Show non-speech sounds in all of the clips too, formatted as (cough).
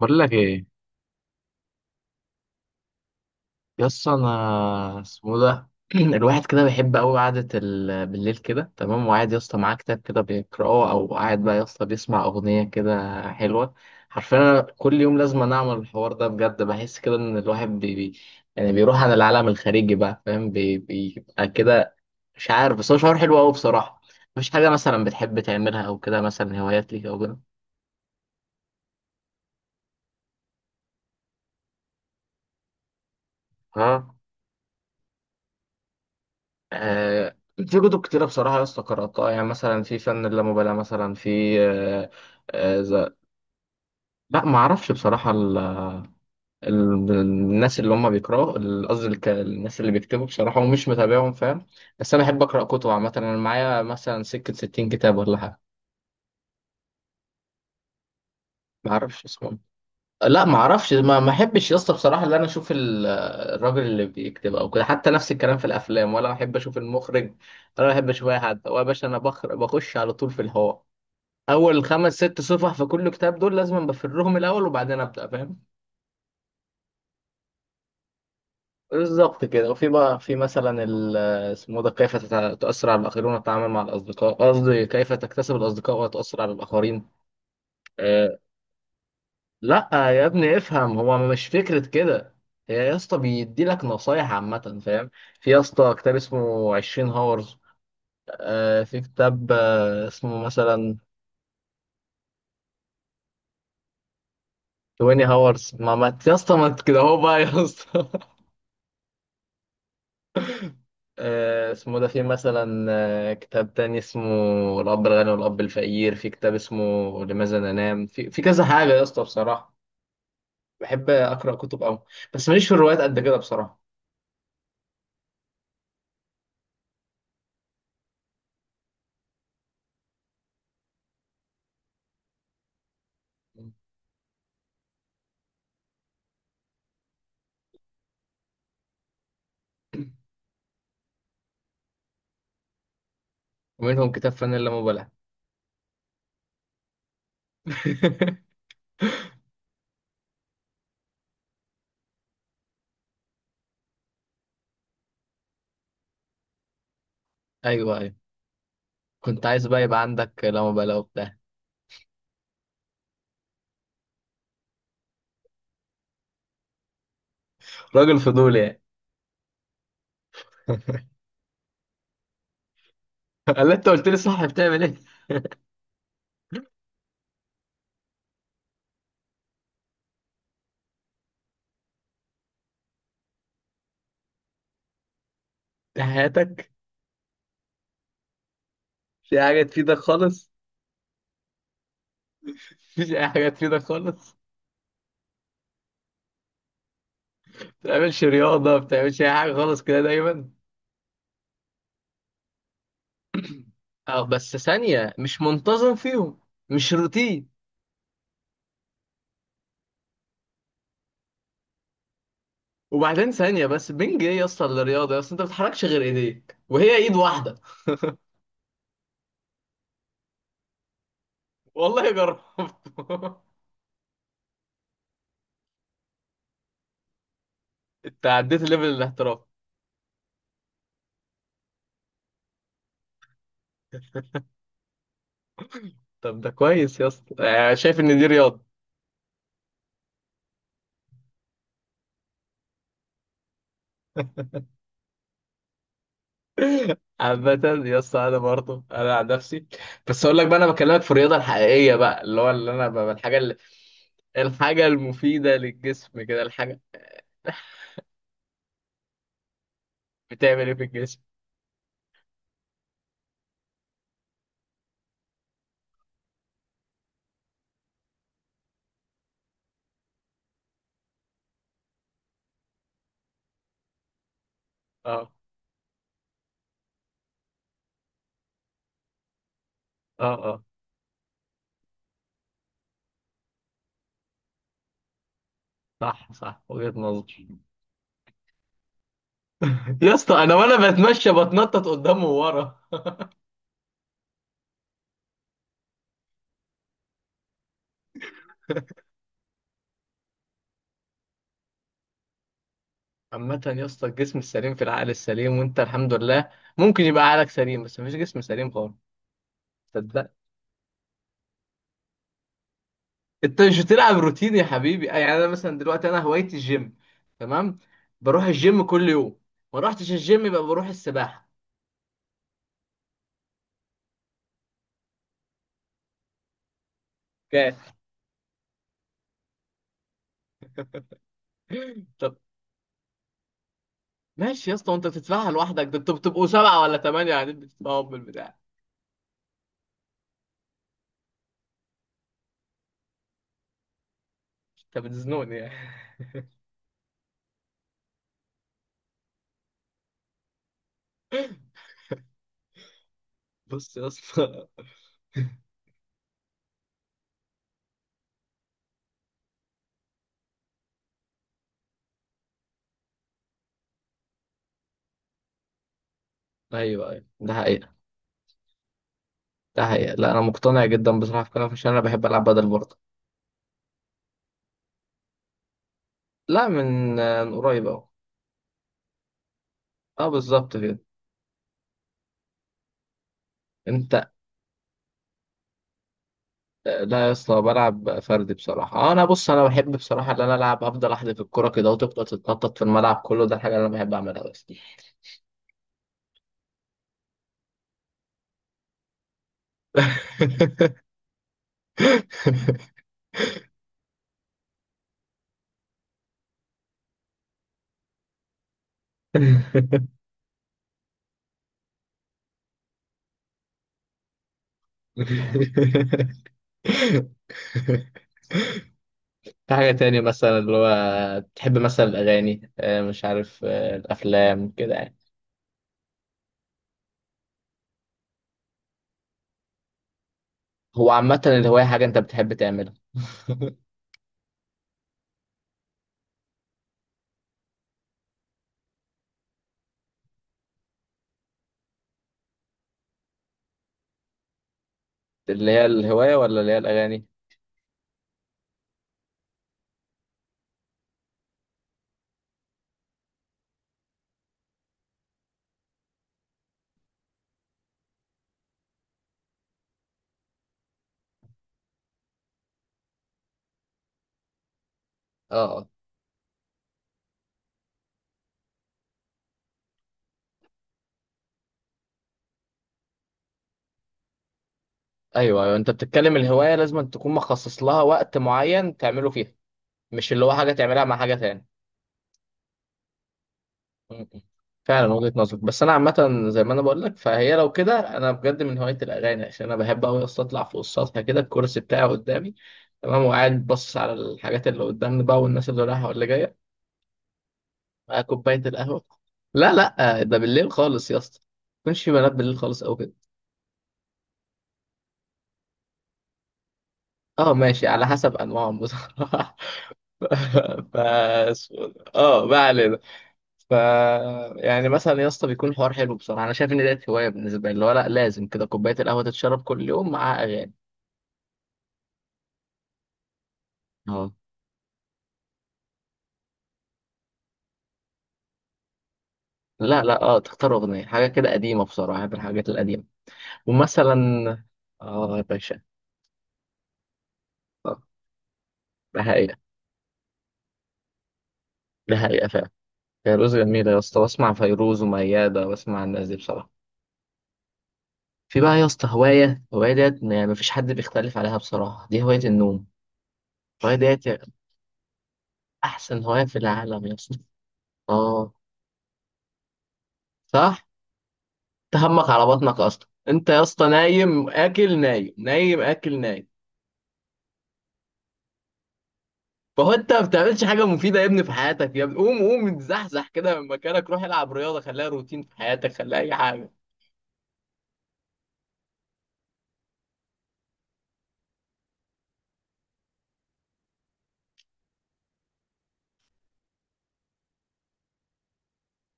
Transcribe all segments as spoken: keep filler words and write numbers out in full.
بقول لك ايه؟ يس انا اسمه ده. (clears throat) الواحد كده بيحب قوي قعده ال... بالليل كده، تمام، وقاعد يا اسطى معاه كتاب كده بيقراه، او قاعد بقى يا اسطى بيسمع اغنيه كده حلوه. حرفيا أنا كل يوم لازم أنا اعمل الحوار ده، بجد بحس كده ان الواحد بي... بي... يعني بيروح عن العالم الخارجي بقى، فاهم؟ بي... بيبقى كده. مش عارف، بس هو شعور حلو قوي بصراحه. مفيش حاجه مثلا بتحب تعملها او كده، مثلا هوايات ليك او كده؟ ها؟ آه، في كتب كتيرة بصراحة يا اسطى قرأتها، يعني مثلا في فن اللامبالاة، مثلا في آه، آه، ز- لا ما أعرفش بصراحة ال... ال... الناس اللي هم بيقرأوا ال- قصدي الك- الناس اللي بيكتبوا بصراحة، ومش متابعهم، فاهم؟ بس أنا أحب أقرأ كتب عامة، أنا معايا مثلا سكة ستين كتاب ولا حاجة. ما أعرفش اسمهم. لا ما أعرفش، ما ما أحبش يا اسطى بصراحة إن أنا أشوف ال- الراجل اللي بيكتب أو كده، حتى نفس الكلام في الأفلام ولا أحب أشوف المخرج، ولا أحب أشوف أي حد. هو يا باشا أنا بخر... بخش على طول في الهواء. اول خمس ست صفح في كل كتاب دول لازم بفرهم الاول، وبعدين ابدا، فاهم؟ بالظبط كده. وفي بقى في مثلا ال- اسمه ده، كيف تتع- تؤثر على الاخرين وتتعامل مع الاصدقاء، قصدي كيف تكتسب الاصدقاء وتؤثر على الاخرين. أه. لا يا ابني افهم، هو مش فكره كده، هي يا اسطى بيدي لك نصايح عامه، فاهم؟ في يا اسطى كتاب اسمه عشرين هاورز. أه في كتاب أه اسمه مثلا عشرين هاورز، ما ما يا اسطى، ما انت كده اهو بقى يا اسطى. آه، اسمه ده. في مثلا آه، كتاب تاني اسمه الأب الغني والأب الفقير. في كتاب اسمه لماذا ننام. في في كذا حاجة يا اسطى بصراحة، بحب أقرأ كتب أوي، بس ماليش في الروايات قد كده بصراحة. ومنهم كتاب فن اللامبالاة. (laughs) أيوه أيوه، كنت عايز بقى يبقى عندك لامبالاة وبتاع. راجل فضولي يعني. (laughs) قال لي، أنت قلت لي صح، بتعمل إيه؟ في حياتك؟ في حاجة تفيدك خالص؟ مفيش أي حاجة تفيدك خالص، ما بتعملش رياضة، ما بتعملش أي حاجة خالص كده دايما. اه بس ثانية، مش منتظم فيهم، مش روتين. وبعدين ثانية بس، بنج ايه يا اسطى اللي رياضة؟ يا اسطى انت ما بتحركش غير ايديك، وهي ايد واحدة. والله جربت. (laughs) انت عديت ليفل الاحتراف؟ طب ده كويس يا اسطى، يعني شايف ان دي رياضة. (laughs) عامة يا اسطى انا برضه انا عن نفسي، بس اقول لك بقى، انا بكلمك في الرياضة الحقيقية بقى، اللي هو اللي انا بقى الحاجة اللي الحاجة المفيدة للجسم كده، الحاجة. (laughs) بتعمل ايه في الجسم؟ اه. اه اه، صح صح، وجهة نظر. يا اسطى انا وانا بتمشى بتنطط قدام وورا. عامة يا اسطى الجسم السليم في العقل السليم، وانت الحمد لله ممكن يبقى عقلك سليم، بس مفيش جسم سليم خالص. صدق. انت مش بتلعب روتين يا حبيبي، يعني انا مثلا دلوقتي انا هوايتي الجيم، تمام؟ بروح الجيم كل يوم، ما روحتش الجيم يبقى بروح السباحة. اوكي. طب ماشي يا اسطى، وانت بتدفعها لوحدك؟ ده انتوا بتبقوا سبعة ولا ثمانية قاعدين بتدفعوا بالبتاع. انت بتزنوني يعني. (laughs) بص يا اسطى. (laughs) ايوه ايوه ده حقيقة. ده حقيقة، لا أنا مقتنع جدا بصراحة في كلامك، عشان أنا بحب ألعب بدل برضه. لا من آه، من قريب أهو. أه بالظبط كده. أنت. آه، لا يا اسطى بلعب فردي بصراحة، أه أنا بص، أنا بحب بصراحة إن أنا ألعب، أفضل أحدف الكرة كده، وتفضل تتنطط في الملعب كله، ده الحاجة اللي أنا بحب أعملها بس. (laughs) في حاجة تاني مثلا اللي هو تحب، مثلا الأغاني، آه، مش عارف، آه، الأفلام كده يعني. هو عامة الهواية حاجة أنت بتحب تعملها. اللي هي الهواية ولا اللي هي الأغاني؟ اه اه. أيوه أيوه، أنت بتتكلم الهواية لازم أن تكون مخصص لها وقت معين تعمله فيها، مش اللي هو حاجة تعملها مع حاجة تاني. م- م. فعلا وجهة نظرك، بس أنا عامة زي ما أنا بقول لك، فهي لو كده أنا بجد من هواية الأغاني، عشان أنا بحب أوي أصلا أطلع فوق السطح كده، الكرسي بتاعي قدامي، تمام، وقاعد باصص على الحاجات اللي قدامنا بقى، والناس اللي رايحة واللي جاية، مع كوباية القهوة. لا لا، ده بالليل خالص يا اسطى، ما يكونش في بنات بالليل خالص أو كده. أه ماشي، على حسب أنواعهم بصراحة. (laughs) ف، اه ما علينا. ف، يعني مثلا يا اسطى بيكون الحوار حلو بصراحه، انا شايف ان ديت هوايه بالنسبه لي، اللي هو لا لازم كده كوبايه القهوه تتشرب كل يوم مع اغاني. اه. لا لا، اه تختار اغنيه حاجه كده قديمه بصراحه، بحب الحاجات القديمه. ومثلا. اه يا باشا. اه، ده حقيقه. ده حقيقه فعلا، فيروز جميله يا اسطى، بسمع فيروز ومياده، بسمع الناس دي بصراحه. في بقى يا اسطى هوايه، هوايه ديت ما فيش حد بيختلف عليها بصراحه، دي هوايه النوم. هوايه ديت احسن هوايه في العالم يا اسطى. اه. صح. تهمك على بطنك اصلا انت يا اسطى، نايم اكل نايم، نايم اكل نايم. فهو انت ما بتعملش حاجه مفيده يا ابني في حياتك، يا ابني قوم قوم اتزحزح كده من مكانك، روح العب رياضه، خليها روتين في حياتك، خليها اي حاجه.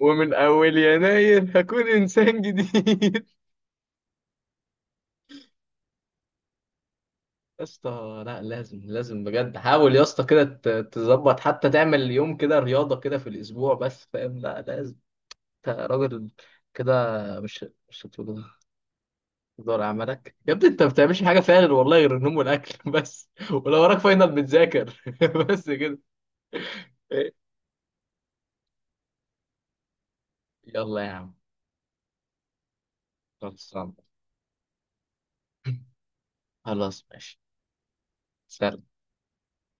ومن اول يناير هكون انسان جديد. (laughs) يا اسطى لا لازم لازم بجد، حاول يا اسطى كده ت- تظبط، حتى تعمل يوم كده رياضه كده في الاسبوع بس، فاهم؟ لا لازم، انت راجل كده. مش مش هتقول، دور عملك يا ابني، انت ما بتعملش حاجه فيها غير والله غير النوم والاكل. (laughs) بس، ولو وراك فاينل بتذاكر. (laughs) بس كده. يلا يا عم. خلصان. خلاص ماشي. سلام.